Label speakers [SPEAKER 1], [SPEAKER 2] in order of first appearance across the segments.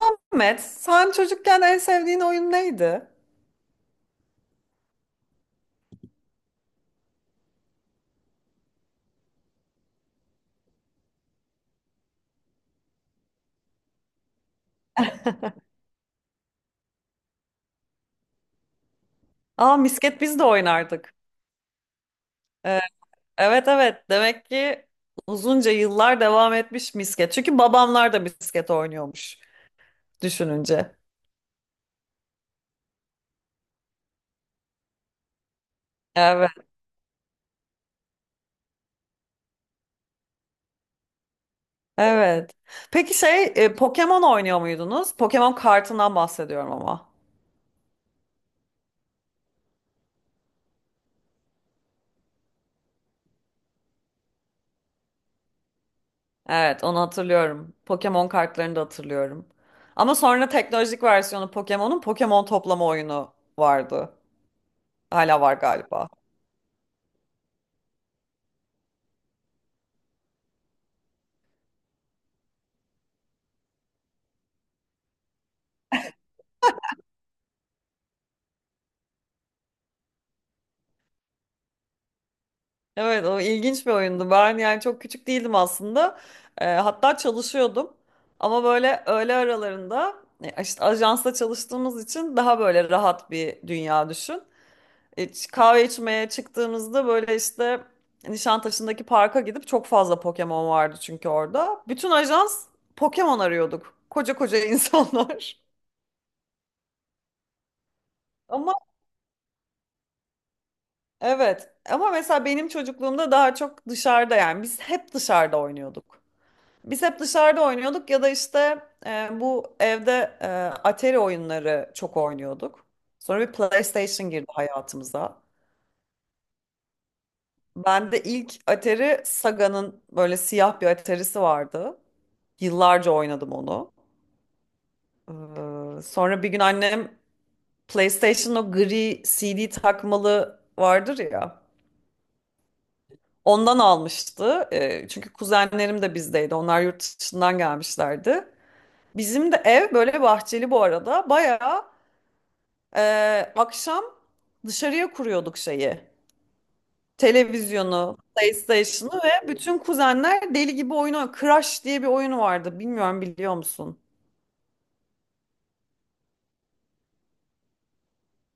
[SPEAKER 1] Ahmet, sen çocukken en sevdiğin oyun neydi? Aa, misket biz de oynardık. Ee, evet evet, demek ki uzunca yıllar devam etmiş misket. Çünkü babamlar da misket oynuyormuş düşününce. Evet. Evet. Peki Pokemon oynuyor muydunuz? Pokemon kartından bahsediyorum ama. Evet, onu hatırlıyorum. Pokemon kartlarını da hatırlıyorum. Ama sonra teknolojik versiyonu Pokemon'un Pokemon toplama oyunu vardı. Hala var galiba. Evet, o ilginç bir oyundu. Ben yani çok küçük değildim aslında. Hatta çalışıyordum. Ama böyle öğle aralarında işte ajansta çalıştığımız için daha böyle rahat bir dünya düşün. Kahve içmeye çıktığımızda böyle işte Nişantaşı'ndaki parka gidip çok fazla Pokemon vardı çünkü orada. Bütün ajans Pokemon arıyorduk. Koca koca insanlar. Ama evet, ama mesela benim çocukluğumda daha çok dışarıda, yani biz hep dışarıda oynuyorduk. Biz hep dışarıda oynuyorduk ya da işte bu evde Atari oyunları çok oynuyorduk. Sonra bir PlayStation girdi hayatımıza. Ben de ilk Atari Saga'nın böyle siyah bir Atari'si vardı. Yıllarca oynadım onu. Sonra bir gün annem PlayStation'ın o gri CD takmalı vardır ya. Ondan almıştı. Çünkü kuzenlerim de bizdeydi. Onlar yurt dışından gelmişlerdi. Bizim de ev böyle bahçeli bu arada. Bayağı e, akşam dışarıya kuruyorduk şeyi. Televizyonu, PlayStation'ı ve bütün kuzenler deli gibi oyunu Crash diye bir oyunu vardı. Bilmiyorum, biliyor musun?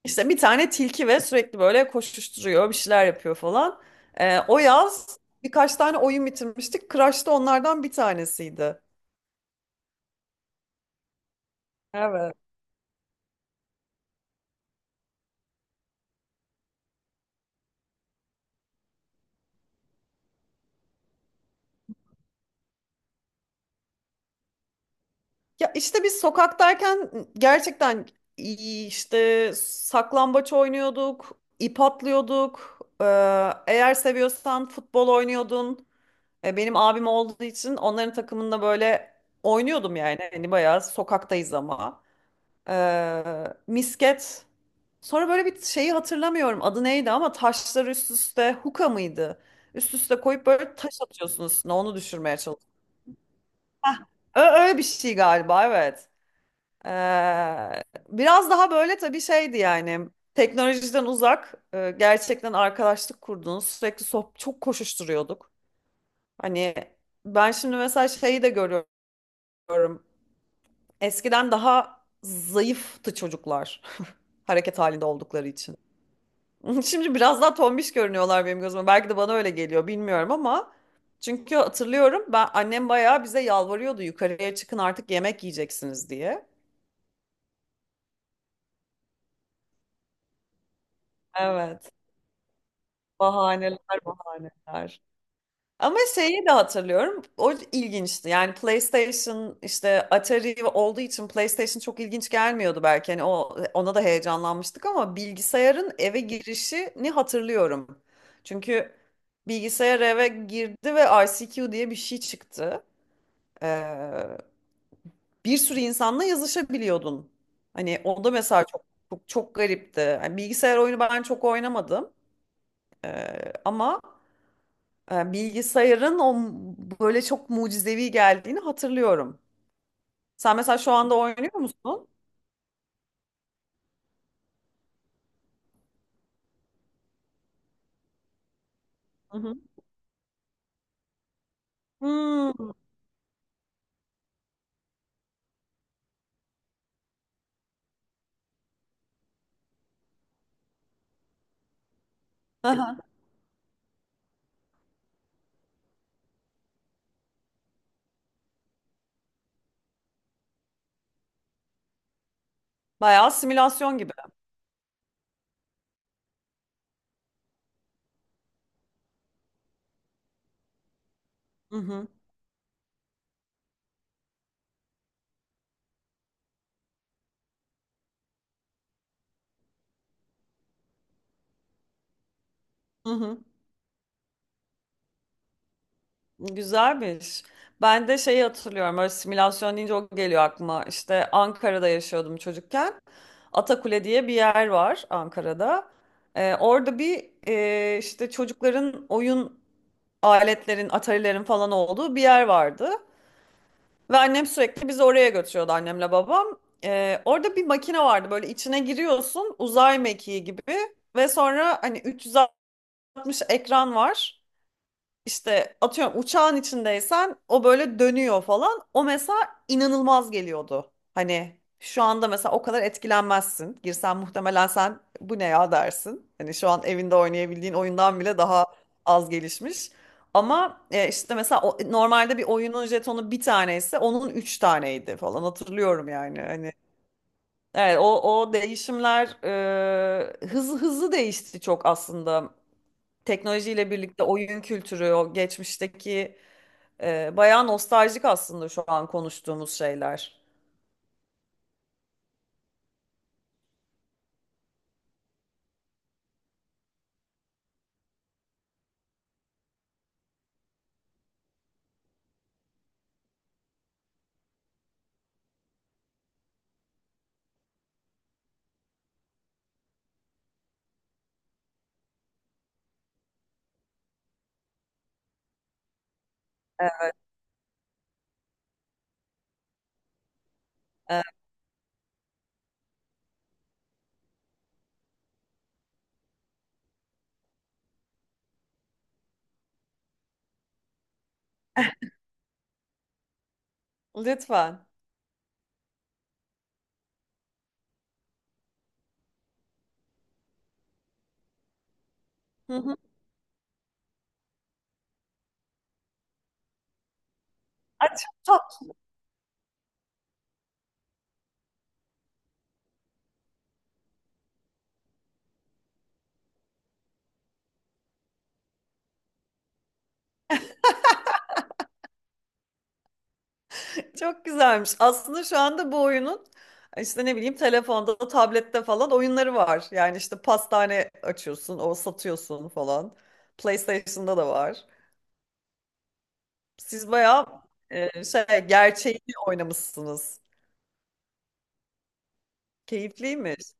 [SPEAKER 1] İşte bir tane tilki ve sürekli böyle koşuşturuyor, bir şeyler yapıyor falan. O yaz birkaç tane oyun bitirmiştik. Crash da onlardan bir tanesiydi. Evet. Ya işte biz sokaktayken gerçekten iyi işte saklambaç oynuyorduk, ip atlıyorduk. Eğer seviyorsan futbol oynuyordun. Benim abim olduğu için onların takımında böyle oynuyordum yani. Hani bayağı sokaktayız ama. Misket. Sonra böyle bir şeyi hatırlamıyorum adı neydi ama taşları üst üste huka mıydı? Üst üste koyup böyle taş atıyorsunuz, üstüne onu düşürmeye çalışıyorsun. Öyle bir şey galiba, evet. Ee, biraz daha böyle tabii şeydi yani teknolojiden uzak, gerçekten arkadaşlık kurduğunuz, sürekli sohbet, çok koşuşturuyorduk. Hani ben şimdi mesela şeyi de görüyorum, eskiden daha zayıftı çocuklar hareket halinde oldukları için. Şimdi biraz daha tombiş görünüyorlar benim gözüme. Belki de bana öyle geliyor bilmiyorum ama çünkü hatırlıyorum, ben annem bayağı bize yalvarıyordu yukarıya çıkın artık yemek yiyeceksiniz diye. Evet. Bahaneler bahaneler. Ama şeyi de hatırlıyorum. O ilginçti. Yani PlayStation, işte Atari olduğu için PlayStation çok ilginç gelmiyordu belki. Hani o, ona da heyecanlanmıştık ama bilgisayarın eve girişini hatırlıyorum. Çünkü bilgisayar eve girdi ve ICQ diye bir şey çıktı. Ee, bir sürü insanla yazışabiliyordun. Hani o da mesela çok çok garipti. Yani bilgisayar oyunu ben çok oynamadım. Ama bilgisayarın o böyle çok mucizevi geldiğini hatırlıyorum. Sen mesela şu anda oynuyor musun? Hı hı. Hmm. Aha. Bayağı simülasyon gibi. Hı hı. Hı hı. Güzelmiş. Ben de şeyi hatırlıyorum. Öyle simülasyon deyince o geliyor aklıma. İşte Ankara'da yaşıyordum çocukken. Atakule diye bir yer var Ankara'da. Orada bir işte çocukların oyun aletlerin, atarilerin falan olduğu bir yer vardı. Ve annem sürekli bizi oraya götürüyordu, annemle babam. Orada bir makine vardı, böyle içine giriyorsun uzay mekiği gibi ve sonra hani 360 ekran var. İşte atıyorum uçağın içindeysen o böyle dönüyor falan. O mesela inanılmaz geliyordu. Hani şu anda mesela o kadar etkilenmezsin. Girsen muhtemelen sen bu ne ya dersin. Hani şu an evinde oynayabildiğin oyundan bile daha az gelişmiş. Ama işte mesela normalde bir oyunun jetonu bir taneyse onun üç taneydi falan, hatırlıyorum yani. Hani evet, o değişimler hızlı hızlı değişti çok aslında teknolojiyle birlikte oyun kültürü, o geçmişteki, bayağı nostaljik aslında şu an konuştuğumuz şeyler. E, lütfen. Hı hı. Ay, çok tatlı, çok güzelmiş. Aslında şu anda bu oyunun işte ne bileyim telefonda, tablette falan oyunları var. Yani işte pastane açıyorsun, o satıyorsun falan. PlayStation'da da var. Siz bayağı şey gerçeğini oynamışsınız. Keyifliymiş.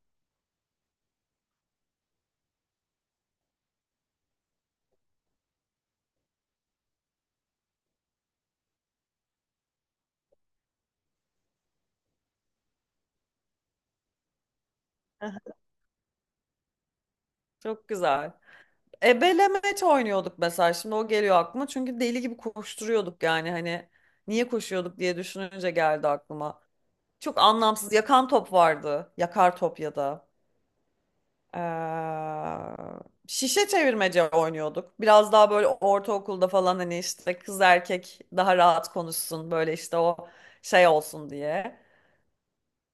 [SPEAKER 1] Aha, çok güzel. Ebelemeç oynuyorduk mesela. Şimdi o geliyor aklıma. Çünkü deli gibi koşturuyorduk yani, hani niye koşuyorduk diye düşününce geldi aklıma. Çok anlamsız yakan top vardı. Yakar top ya da. Ee, şişe çevirmece oynuyorduk. Biraz daha böyle ortaokulda falan, hani işte kız erkek daha rahat konuşsun, böyle işte o şey olsun diye.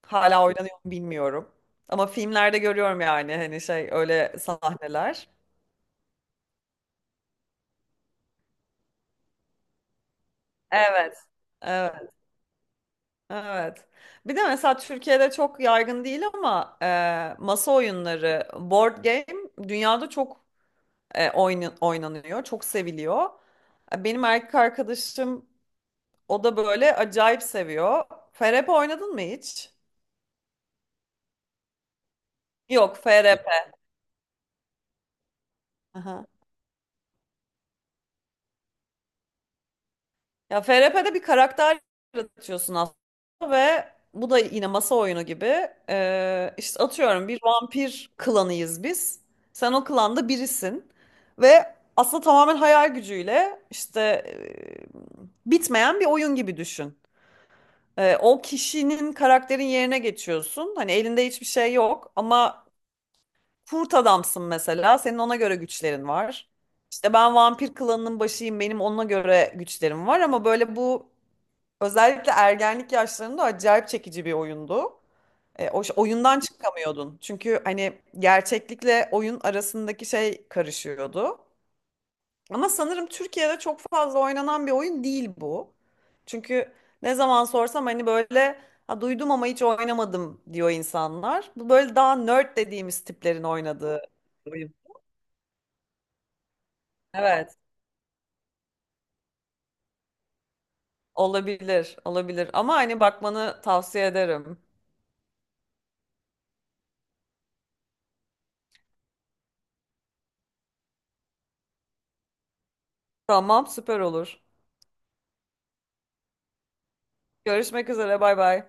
[SPEAKER 1] Hala oynanıyor mu bilmiyorum. Ama filmlerde görüyorum yani hani şey öyle sahneler. Evet. Evet. Evet. Bir de mesela Türkiye'de çok yaygın değil ama masa oyunları, board game dünyada çok oynanıyor, çok seviliyor. Benim erkek arkadaşım, o da böyle acayip seviyor. FRP oynadın mı hiç? Yok FRP. Aha. Ya FRP'de bir karakter yaratıyorsun aslında ve bu da yine masa oyunu gibi. İşte atıyorum bir vampir klanıyız biz. Sen o klanda birisin ve aslında tamamen hayal gücüyle işte, bitmeyen bir oyun gibi düşün. O kişinin karakterin yerine geçiyorsun. Hani elinde hiçbir şey yok ama kurt adamsın mesela. Senin ona göre güçlerin var. İşte ben vampir klanının başıyım. Benim ona göre güçlerim var ama böyle bu özellikle ergenlik yaşlarında acayip çekici bir oyundu. Oyundan çıkamıyordun. Çünkü hani gerçeklikle oyun arasındaki şey karışıyordu. Ama sanırım Türkiye'de çok fazla oynanan bir oyun değil bu. Çünkü ne zaman sorsam hani böyle ha, duydum ama hiç oynamadım diyor insanlar. Bu böyle daha nerd dediğimiz tiplerin oynadığı. Evet, olabilir, olabilir. Ama hani bakmanı tavsiye ederim. Tamam, süper olur. Görüşmek üzere, bay bay.